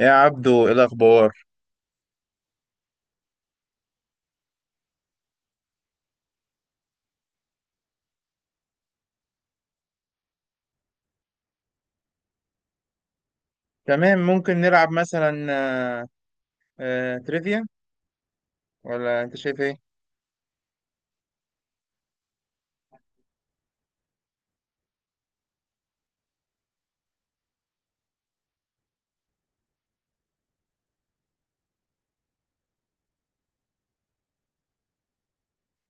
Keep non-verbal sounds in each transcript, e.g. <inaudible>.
يا عبدو، ايه الاخبار؟ تمام، ممكن نلعب مثلا تريفيا، ولا انت شايف ايه؟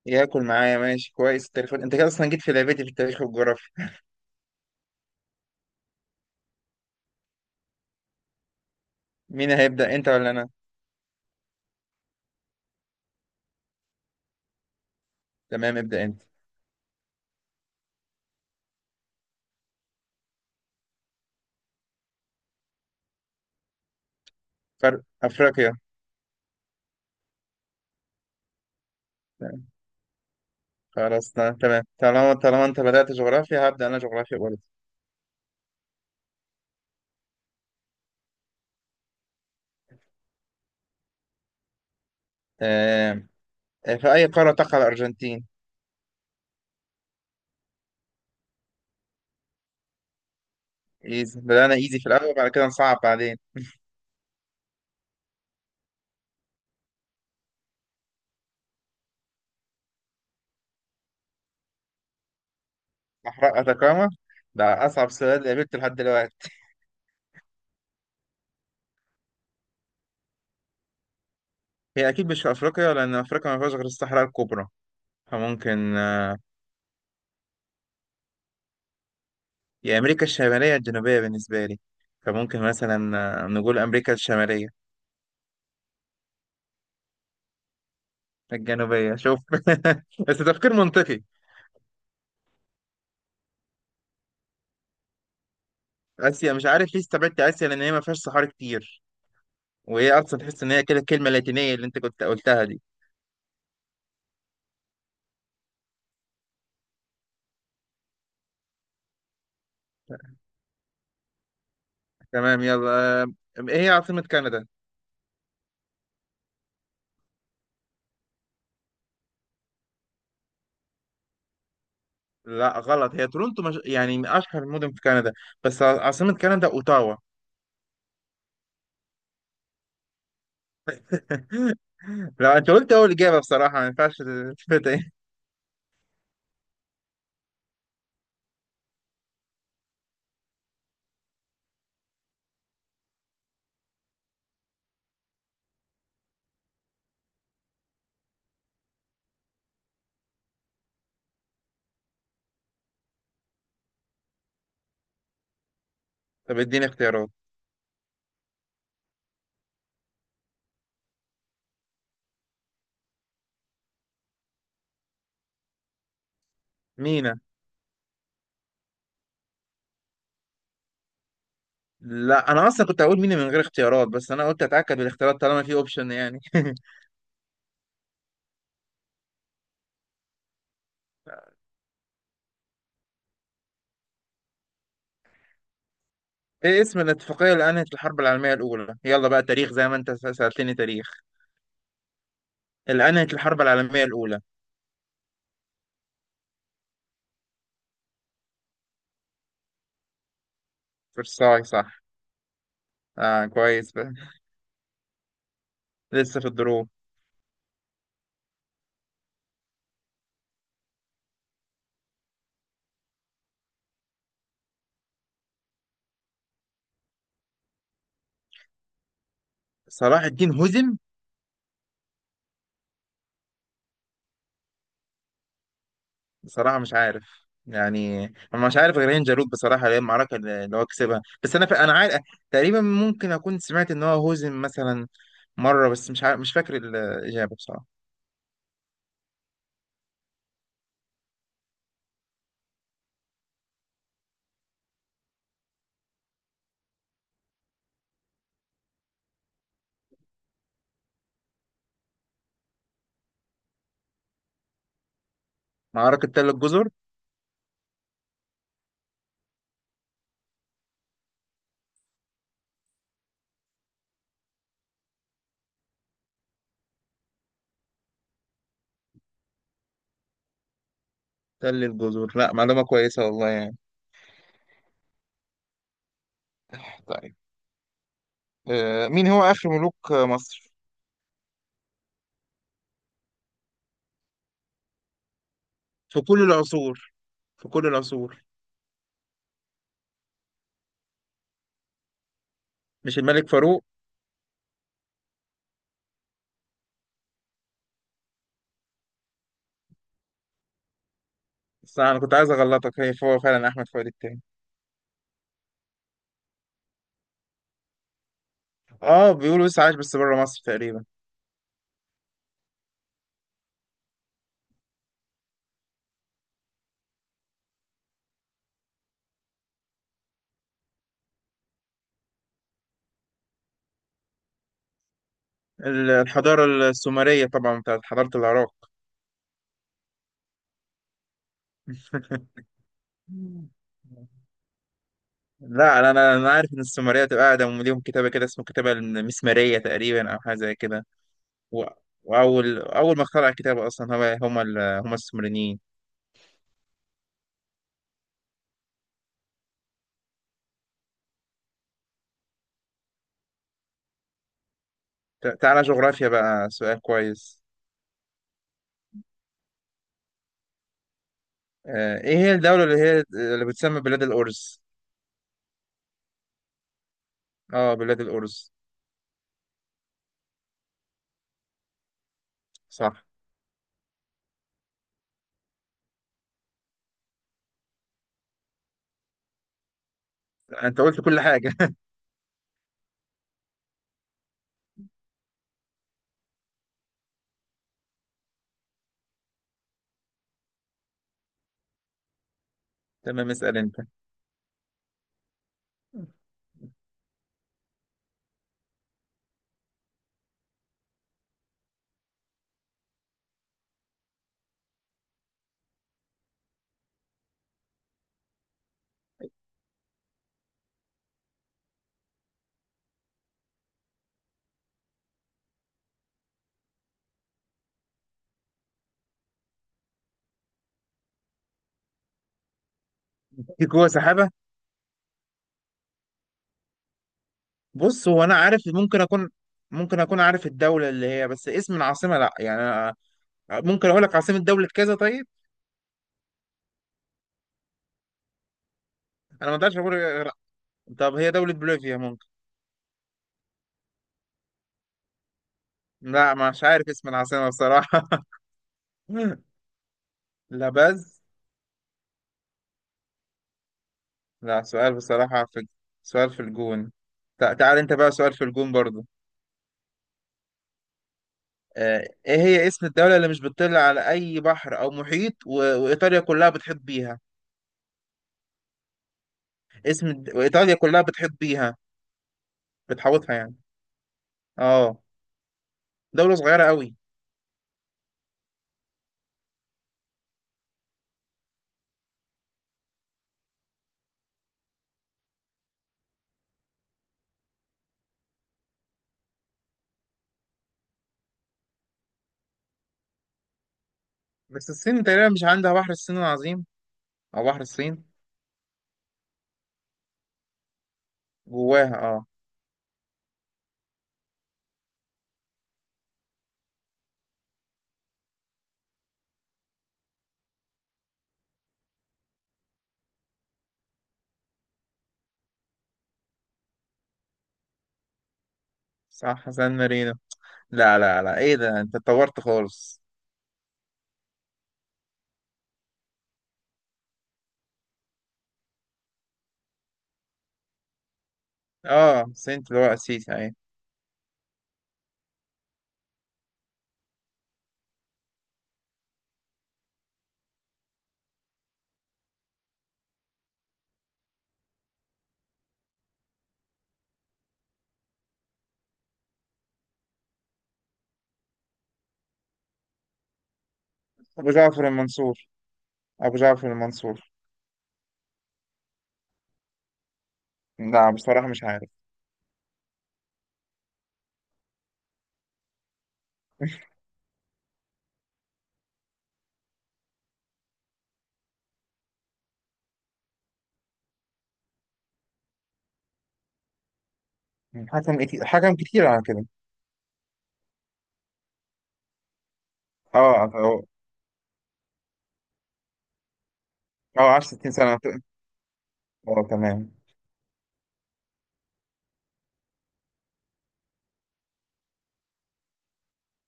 ياكل معايا، ماشي كويس، التاريخ انت كده اصلا جيت في لعبتي في التاريخ والجغرافيا. مين هيبدا، انت ولا انا؟ تمام، ابدا انت. فرق افريقيا. تمام. خلاص، تمام، طالما انت بدات جغرافيا هبدا انا جغرافيا برضه. تمام. في اي قاره تقع الارجنتين؟ ايزي، بدانا ايزي في الاول بعد كده نصعب بعدين. صحراء اتاكاما، ده اصعب سؤال قابلته لحد دلوقتي. هي اكيد مش في افريقيا، لان افريقيا ما فيهاش غير الصحراء الكبرى. فممكن هي أمريكا الشمالية الجنوبية بالنسبة لي. فممكن مثلا نقول أمريكا الشمالية. الجنوبية، شوف. <laughs> بس تفكير منطقي. آسيا مش عارف ليه استبعدت آسيا، لأن هي ما فيهاش صحاري كتير، وهي أصلا تحس إن هي كده الكلمة اللاتينية اللي أنت كنت قلتها دي. تمام، يلا. آه، إيه هي عاصمة كندا؟ لا غلط، هي تورونتو مش يعني من أشهر المدن في كندا، بس عاصمة كندا أوتاوا. <laughs> لا، أنت قلت أول إجابة، بصراحة ما ينفعش تفوت. إيه؟ طب إديني اختيارات. مينا. لا انا اصلا كنت هقول مينا من غير اختيارات، بس انا قلت اتاكد بالاختيارات طالما في اوبشن يعني. <laughs> ايه اسم الاتفاقيه اللي انهت الحرب العالميه الاولى؟ يلا بقى تاريخ زي ما انت سالتني تاريخ. اللي انهت الحرب العالميه الاولى. فرساي صح. اه، كويس بقى، لسه في الدروب. صلاح الدين هزم؟ بصراحه مش عارف يعني. انا مش عارف غير هين جالوت بصراحه، اللي هي المعركه اللي هو كسبها. بس انا انا عارف تقريبا، ممكن اكون سمعت ان هو هزم مثلا مره، بس مش عارف، مش فاكر الاجابه بصراحه. معركه تل الجزر. تل الجزر، لا معلومة كويسة والله يعني. طيب، مين هو آخر ملوك مصر؟ في كل العصور، في كل العصور. مش الملك فاروق؟ بس أنا كنت عايز أغلطك، هي هو فعلا أحمد فؤاد التاني. آه بيقولوا لسه عايش بس بره مصر تقريبا. الحضارة السومرية طبعا، بتاعت حضارة العراق. <laughs> لا أنا، أنا عارف إن السومرية تبقى قاعدة ليهم كتابة كده اسمه كتابة المسمارية تقريبا، أو حاجة زي كده. و- وأول أول ما اخترع الكتابة أصلا هو هم هم السومريين. تعالى جغرافيا بقى، سؤال كويس. ايه هي الدولة اللي هي اللي بتسمى بلاد الأرز؟ اه بلاد الأرز، صح. انت قلت كل حاجة. <laughs> تمام، اسأل انت. في جوه سحابة؟ بص، هو أنا عارف، ممكن أكون، ممكن أكون عارف الدولة اللي هي، بس اسم العاصمة لأ يعني. ممكن اقول لك عاصمة دولة كذا؟ طيب، انا ما اقدرش اقول غير طب هي دولة بوليفيا ممكن. لا مش عارف اسم العاصمة بصراحة. <laughs> لا بز. لا سؤال بصراحة في، سؤال في الجون. تعال انت بقى، سؤال في الجون برضو. ايه هي اسم الدولة اللي مش بتطل على اي بحر او محيط وايطاليا كلها بتحيط بيها؟ وايطاليا كلها بتحيط بيها، بتحوطها يعني، اه. دولة صغيرة قوي. بس الصين تقريبا مش عندها بحر الصين العظيم، او بحر الصين. جواها اه. صح، سان مارينو. لا لا لا، ايه ده، انت اتطورت خالص. اه سنت اللي هو السيسي ايه. ابو جعفر المنصور، ابو جعفر المنصور. لا بصراحة مش عارف. <laughs> حكم كتير، حكم كتير على كده. اه اه. عاش 60 سنة. اه تمام.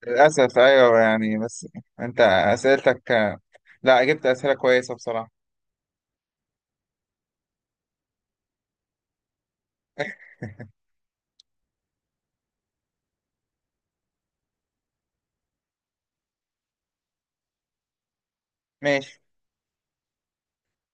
للأسف ايوه يعني، بس انت اسئلتك، لا جبت اسئلة كويسة بصراحة. <laughs> ماشي.